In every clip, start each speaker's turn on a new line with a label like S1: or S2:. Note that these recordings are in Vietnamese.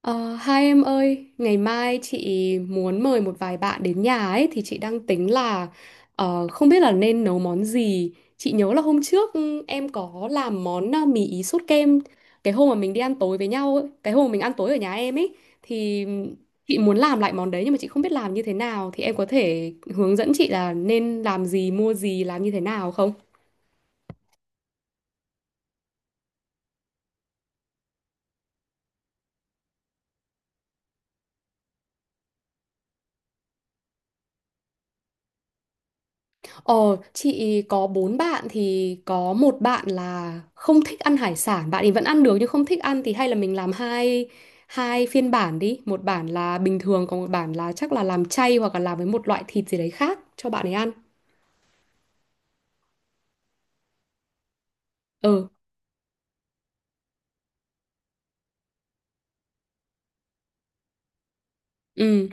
S1: Ờ, Hai em ơi, ngày mai chị muốn mời một vài bạn đến nhà ấy thì chị đang tính là không biết là nên nấu món gì. Chị nhớ là hôm trước em có làm món mì ý sốt kem cái hôm mà mình đi ăn tối với nhau ấy, cái hôm mà mình ăn tối ở nhà em ấy thì chị muốn làm lại món đấy nhưng mà chị không biết làm như thế nào thì em có thể hướng dẫn chị là nên làm gì, mua gì, làm như thế nào không? Ờ, chị có bốn bạn thì có một bạn là không thích ăn hải sản, bạn ấy vẫn ăn được nhưng không thích ăn thì hay là mình làm hai hai phiên bản đi, một bản là bình thường còn một bản là chắc là làm chay hoặc là làm với một loại thịt gì đấy khác cho bạn ấy ăn. Ừ, ừ,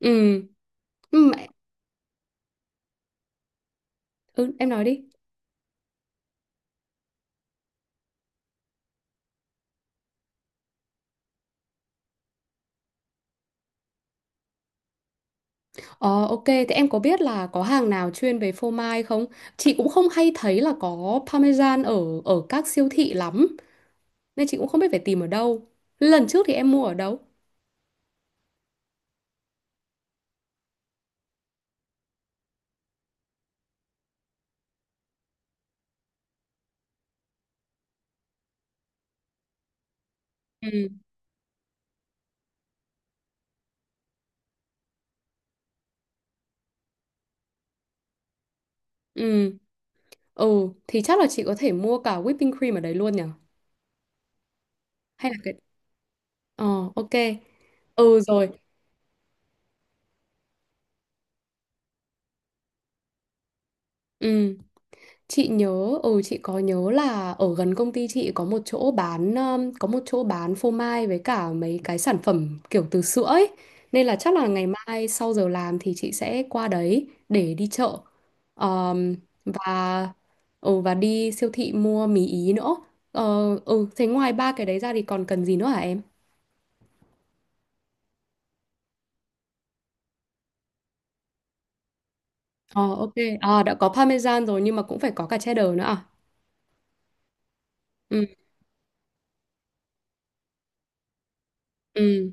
S1: ừ, ừ, mẹ- ừ, em nói đi. Ờ, ok, thế em có biết là có hàng nào chuyên về phô mai không? Chị cũng không hay thấy là có parmesan ở ở các siêu thị lắm, nên chị cũng không biết phải tìm ở đâu. Lần trước thì em mua ở đâu? Ừ. Ừ, ừ, thì chắc là chị có thể mua cả whipping cream ở đấy luôn nhỉ? Hay là cái Ờ, ok. Ừ rồi. Ừ, chị nhớ chị có nhớ là ở gần công ty chị có một chỗ bán có một chỗ bán phô mai với cả mấy cái sản phẩm kiểu từ sữa ấy. Nên là chắc là ngày mai sau giờ làm thì chị sẽ qua đấy để đi chợ. Ờm, và Ừ, và đi siêu thị mua mì ý nữa. Ờ ừ, thế ngoài ba cái đấy ra thì còn cần gì nữa hả em? Ờ, ok, à, đã có parmesan rồi nhưng mà cũng phải có cả cheddar nữa à? Ừ ừ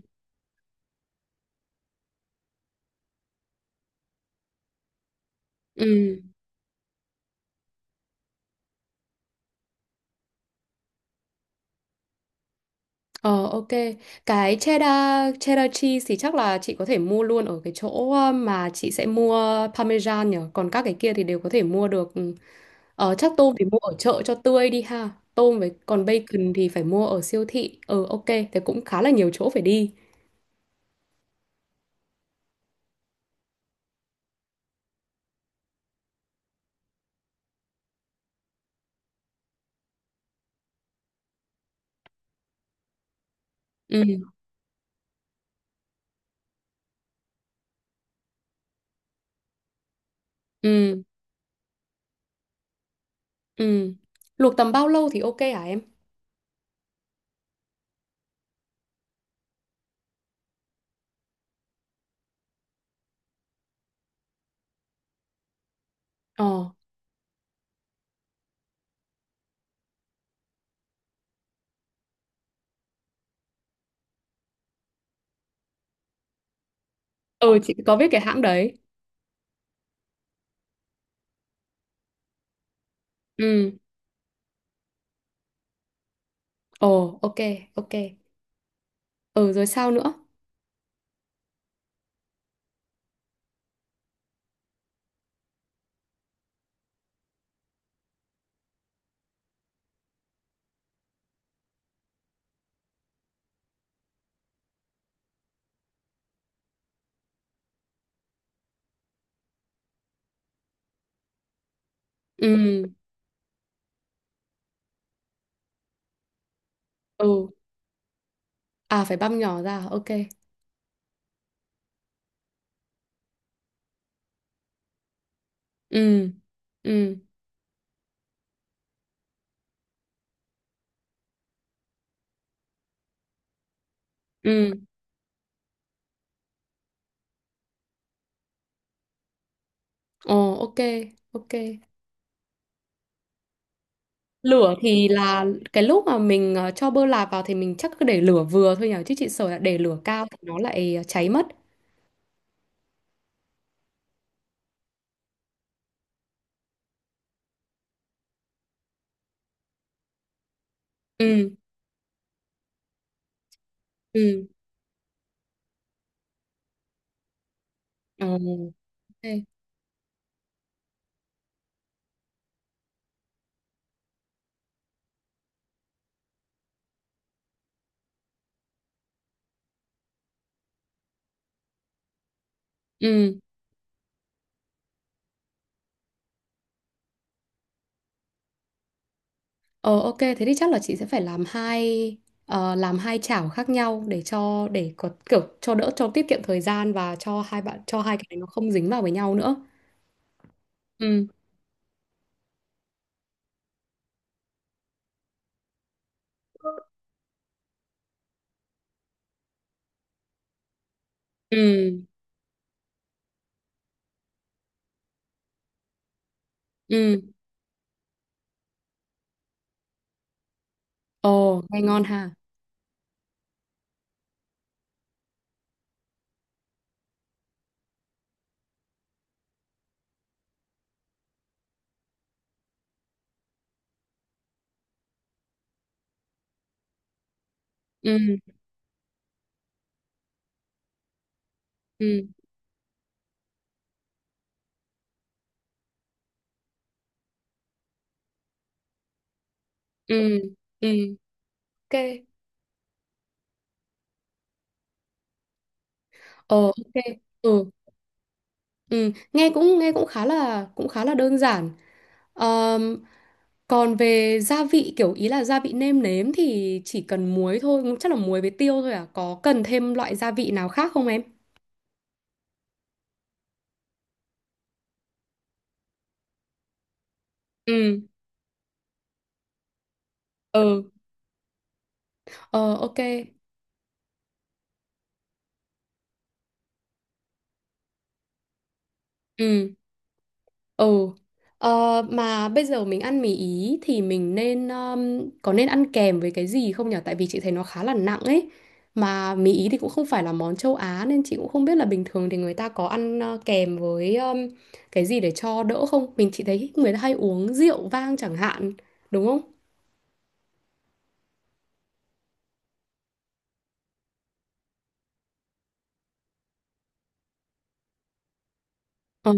S1: ừ. Ờ ok, cái cheddar cheddar cheese thì chắc là chị có thể mua luôn ở cái chỗ mà chị sẽ mua parmesan nhỉ, còn các cái kia thì đều có thể mua được. Ừ. Ờ, chắc tôm thì mua ở chợ cho tươi đi ha. Tôm với còn bacon thì phải mua ở siêu thị. Ừ, ok, thế cũng khá là nhiều chỗ phải đi. Ừ ừ ừ. Luộc tầm bao lâu thì ok hả em? Ờ. Ừ, chị có biết cái hãng đấy. Ừ. Ồ, ok. Ừ, rồi sao nữa? Ừ, ừ. À, phải băm nhỏ ra, ok. Ừ, ừ, ừ. Ồ, ok. Lửa thì là cái lúc mà mình cho bơ lạc vào thì mình chắc cứ để lửa vừa thôi nhỉ? Chứ chị sợ là để lửa cao thì nó lại cháy mất. Ừ, ừ. Ồ, ok. Ừ. Ờ, ok, thế thì chắc là chị sẽ phải làm làm hai chảo khác nhau để cho để có kiểu cho đỡ cho tiết kiệm thời gian và cho hai cái này nó không dính vào với nhau nữa. Ừ. Ừ. Ừ. Ồ, nghe ngon ha. Ừ. Ừ. Ừ. Ừ. Ok. Ờ, ok. Ừ. Ừ, nghe cũng khá là đơn giản. Ờm, Còn về gia vị ý là gia vị nêm nếm thì chỉ cần muối thôi, chắc là muối với tiêu thôi à. Có cần thêm loại gia vị nào khác không em? Ừ, ừ, ờ, ok. Ừ. Ừ. Ờ, mà bây giờ mình ăn mì Ý thì mình nên có nên ăn kèm với cái gì không nhở? Tại vì chị thấy nó khá là nặng ấy. Mà mì Ý thì cũng không phải là món châu Á nên chị cũng không biết là bình thường thì người ta có ăn kèm với cái gì để cho đỡ không? Chị thấy người ta hay uống rượu vang chẳng hạn, đúng không? Ờ.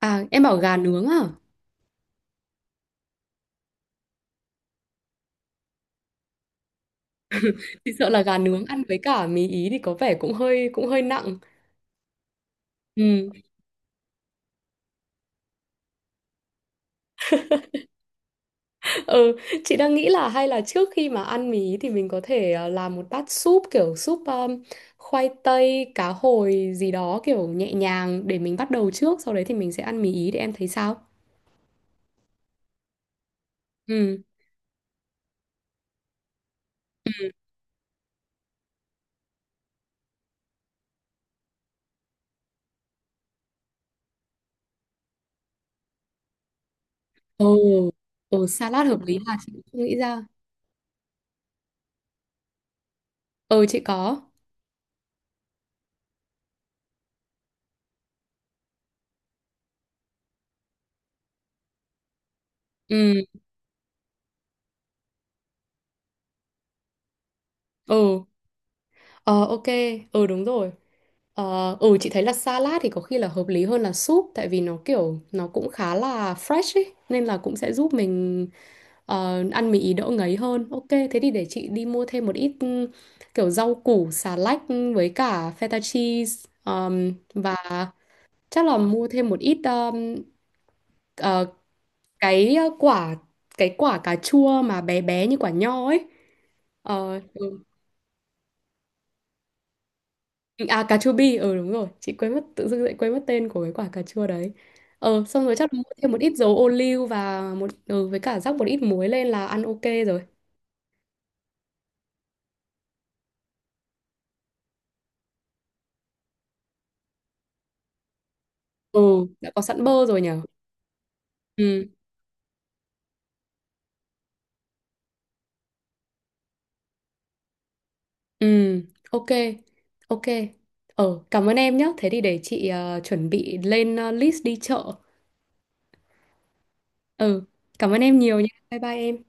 S1: À, em bảo gà nướng à? Chị sợ là gà nướng ăn với cả mì Ý thì có vẻ cũng hơi nặng. Ừ. Ừ, chị đang nghĩ là hay là trước khi mà ăn mì thì mình có thể làm một bát súp kiểu súp khoai tây, cá hồi gì đó kiểu nhẹ nhàng để mình bắt đầu trước, sau đấy thì mình sẽ ăn mì ý để em thấy sao. Ừ. Ừ. Ừ, salad hợp lý là chị cũng không nghĩ ra. Ừ, chị có. Ừ. Ừ. Ờ, ok. Ừ, đúng rồi. Chị thấy là salad thì có khi là hợp lý hơn là súp tại vì nó kiểu nó cũng khá là fresh ấy nên là cũng sẽ giúp mình ăn mì ý đỡ ngấy hơn. Ok, thế thì để chị đi mua thêm một ít kiểu rau củ, xà lách với cả feta cheese, và chắc là mua thêm một ít ờ, cái quả cái quả cà chua mà bé bé như quả nho ấy. Ờ, ừ, À, cà chua bi, ừ đúng rồi. Chị quên mất, tự dưng lại quên mất tên của cái quả cà chua đấy. Ờ, xong rồi chắc là mua thêm một ít dầu ô liu. Và một với cả rắc một ít muối lên là ăn ok rồi. Ừ. Đã có sẵn bơ rồi nhở? Ừ, ừ, ok, ok. Ờ, cảm ơn em nhé. Thế thì để chị chuẩn bị lên list đi chợ. Ừ, cảm ơn em nhiều nhé. Bye bye em.